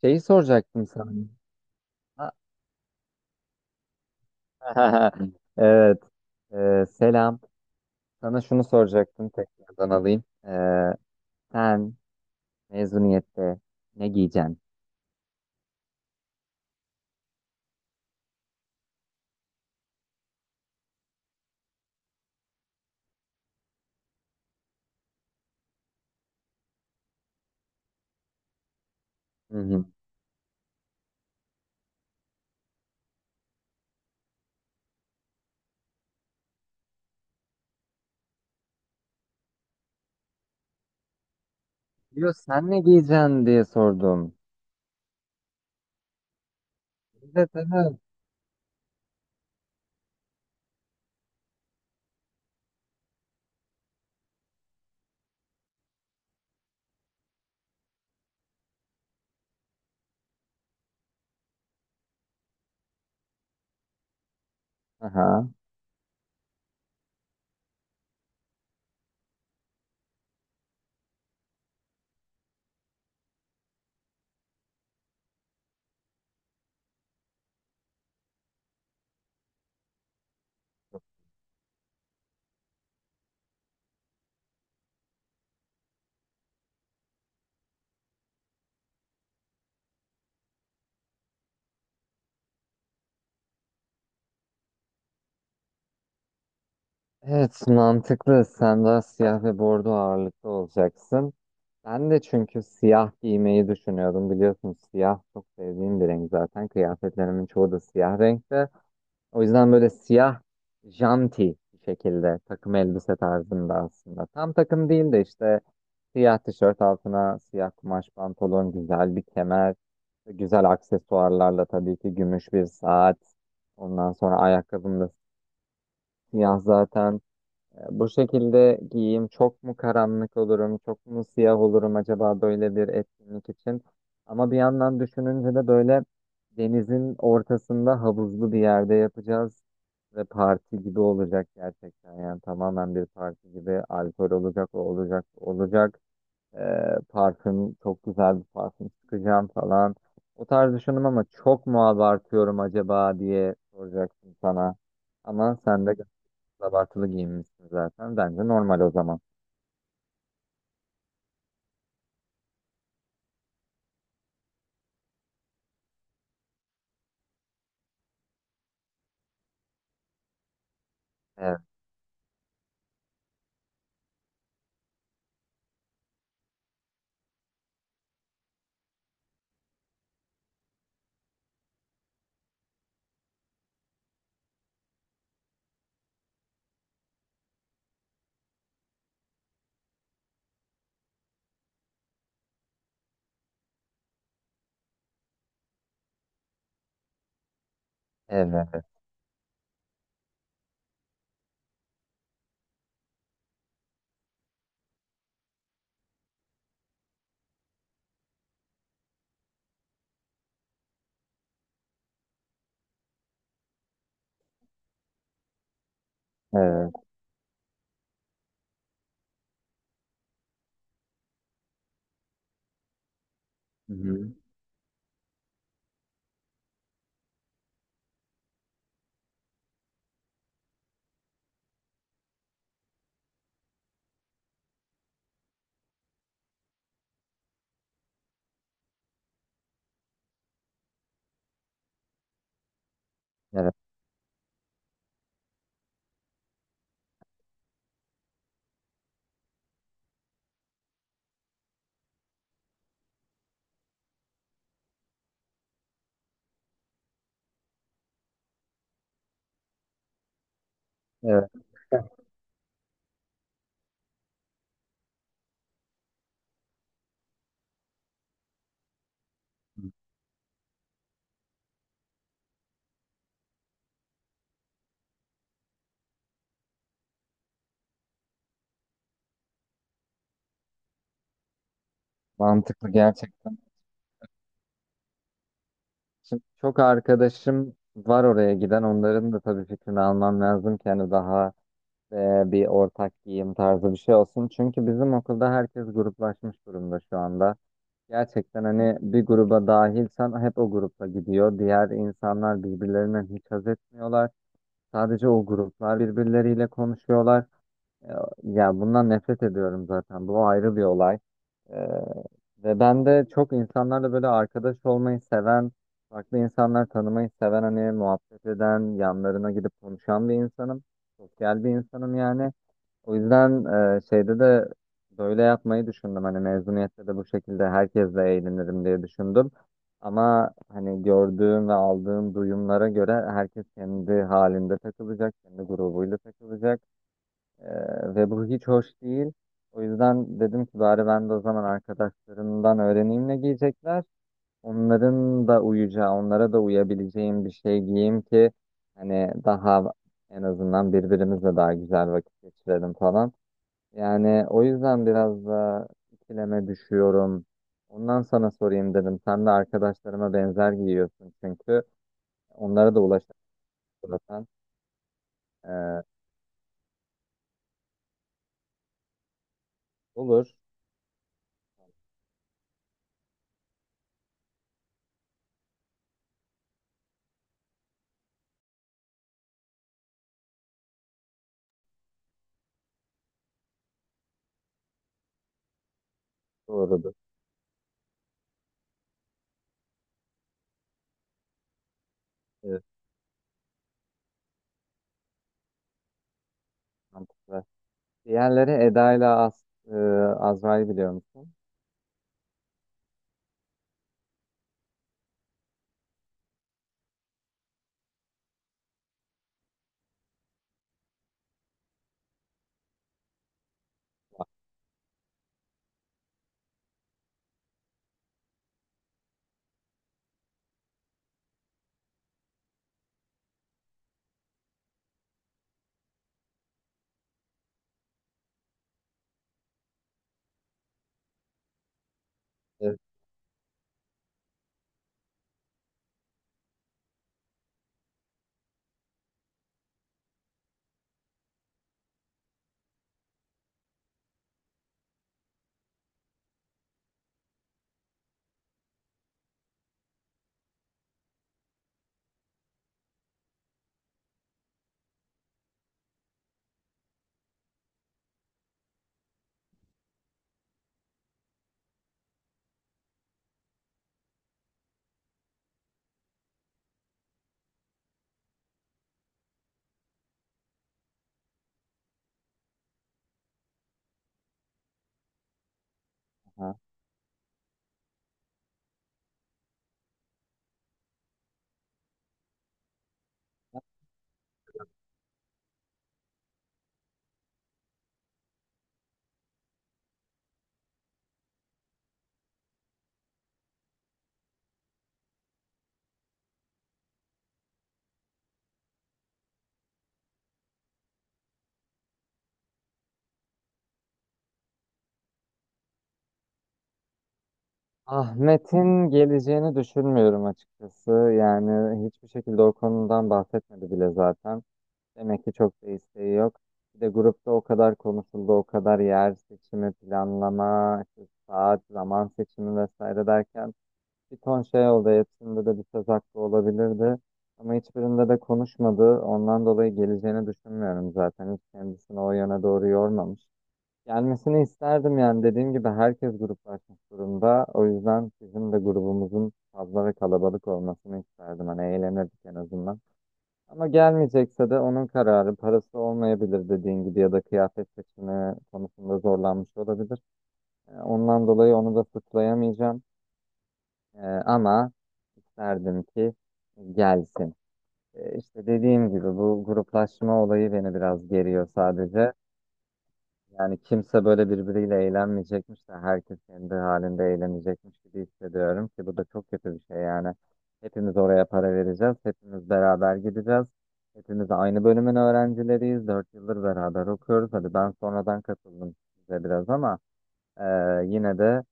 Şeyi soracaktım sana. Ha, Evet. Selam. Sana şunu soracaktım tekrardan alayım. Sen mezuniyette ne giyeceksin? Hı hı. Diyor sen ne giyeceksin diye sordum. Evet, evet. Aha. Evet, mantıklı. Sen daha siyah ve bordo ağırlıklı olacaksın. Ben de çünkü siyah giymeyi düşünüyordum. Biliyorsun siyah çok sevdiğim bir renk zaten. Kıyafetlerimin çoğu da siyah renkte. O yüzden böyle siyah janti bir şekilde takım elbise tarzında aslında. Tam takım değil de işte siyah tişört altına siyah kumaş pantolon, güzel bir kemer, güzel aksesuarlarla tabii ki gümüş bir saat. Ondan sonra ayakkabım da siyah zaten. Ya bu şekilde giyeyim, çok mu karanlık olurum, çok mu siyah olurum acaba böyle bir etkinlik için? Ama bir yandan düşününce de böyle denizin ortasında havuzlu bir yerde yapacağız ve parti gibi olacak gerçekten, yani tamamen bir parti gibi, alkol olacak, o olacak, bu olacak. Parfüm, çok güzel bir parfüm sıkacağım falan. O tarz düşündüm ama çok mu abartıyorum acaba diye soracaksın sana. Ama sen de abartılı giyinmişsin zaten. Bence normal o zaman. Evet. Evet. Evet. Hı hı. Evet. Evet. Mantıklı gerçekten. Şimdi çok arkadaşım var oraya giden. Onların da tabii fikrini almam lazım ki hani daha bir ortak giyim tarzı bir şey olsun. Çünkü bizim okulda herkes gruplaşmış durumda şu anda. Gerçekten hani bir gruba dahilsen hep o grupla gidiyor. Diğer insanlar birbirlerinden hiç haz etmiyorlar. Sadece o gruplar birbirleriyle konuşuyorlar. Ya bundan nefret ediyorum zaten. Bu ayrı bir olay. Ee, Ve ben de çok insanlarla böyle arkadaş olmayı seven, farklı insanlar tanımayı seven, hani muhabbet eden, yanlarına gidip konuşan bir insanım. Sosyal bir insanım yani. O yüzden şeyde de böyle yapmayı düşündüm. Hani mezuniyette de bu şekilde herkesle eğlenirim diye düşündüm. Ama hani gördüğüm ve aldığım duyumlara göre herkes kendi halinde takılacak, kendi grubuyla takılacak. Ve bu hiç hoş değil. O yüzden dedim ki bari ben de o zaman arkadaşlarımdan öğreneyim ne giyecekler. Onların da uyacağı, onlara da uyabileceğim bir şey giyeyim ki hani daha en azından birbirimizle daha güzel vakit geçirelim falan. Yani o yüzden biraz da ikileme düşüyorum. Ondan sana sorayım dedim. Sen de arkadaşlarıma benzer giyiyorsun çünkü. Onlara da ulaşabilirsen. Ee, olur. Doğrudur. Evet, mantıklı. Diğerleri Eda ile e, Azra'yı biliyor musun? Evet. Aha. Ahmet'in geleceğini düşünmüyorum açıkçası. Yani hiçbir şekilde o konudan bahsetmedi bile zaten. Demek ki çok da isteği yok. Bir de grupta o kadar konuşuldu, o kadar yer seçimi, planlama, işte saat, zaman seçimi vesaire derken bir ton şey oldu. Hepsinde de bir söz hakkı olabilirdi. Ama hiçbirinde de konuşmadı. Ondan dolayı geleceğini düşünmüyorum zaten. Hiç kendisini o yöne doğru yormamış. Gelmesini isterdim yani dediğim gibi herkes gruplaşmış durumda. O yüzden bizim de grubumuzun fazla ve kalabalık olmasını isterdim. Hani eğlenirdik en azından. Ama gelmeyecekse de onun kararı, parası olmayabilir dediğin gibi, ya da kıyafet seçimi konusunda zorlanmış olabilir. Ondan dolayı onu da suçlayamayacağım. Ama isterdim ki gelsin. İşte dediğim gibi bu gruplaşma olayı beni biraz geriyor sadece. Yani kimse böyle birbiriyle eğlenmeyecekmiş de herkes kendi halinde eğlenecekmiş gibi hissediyorum ki bu da çok kötü bir şey yani. Hepimiz oraya para vereceğiz, hepimiz beraber gideceğiz. Hepimiz aynı bölümün öğrencileriyiz, dört yıldır beraber okuyoruz. Hadi ben sonradan katıldım size biraz ama e, yine de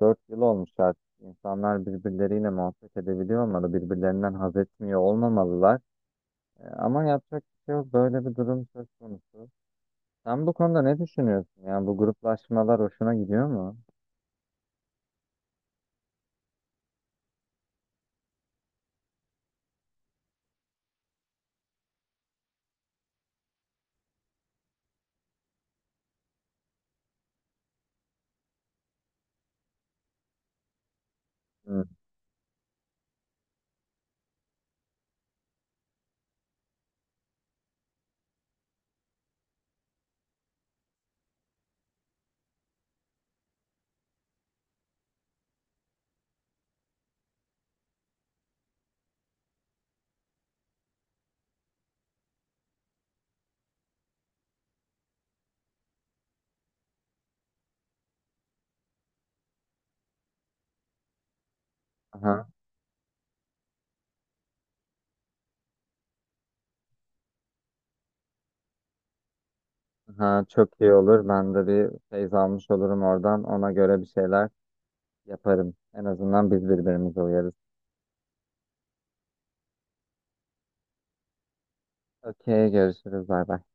dört yıl olmuş artık. İnsanlar birbirleriyle muhabbet edebiliyor olmalı, birbirlerinden haz etmiyor olmamalılar. Ama yapacak bir şey yok, böyle bir durum söz konusu. Sen bu konuda ne düşünüyorsun? Yani bu gruplaşmalar hoşuna gidiyor mu? Hı. Aha, aha, çok iyi olur. Ben de bir feyz almış olurum oradan. Ona göre bir şeyler yaparım. En azından biz birbirimize uyarız. Okey, görüşürüz. Bay bay.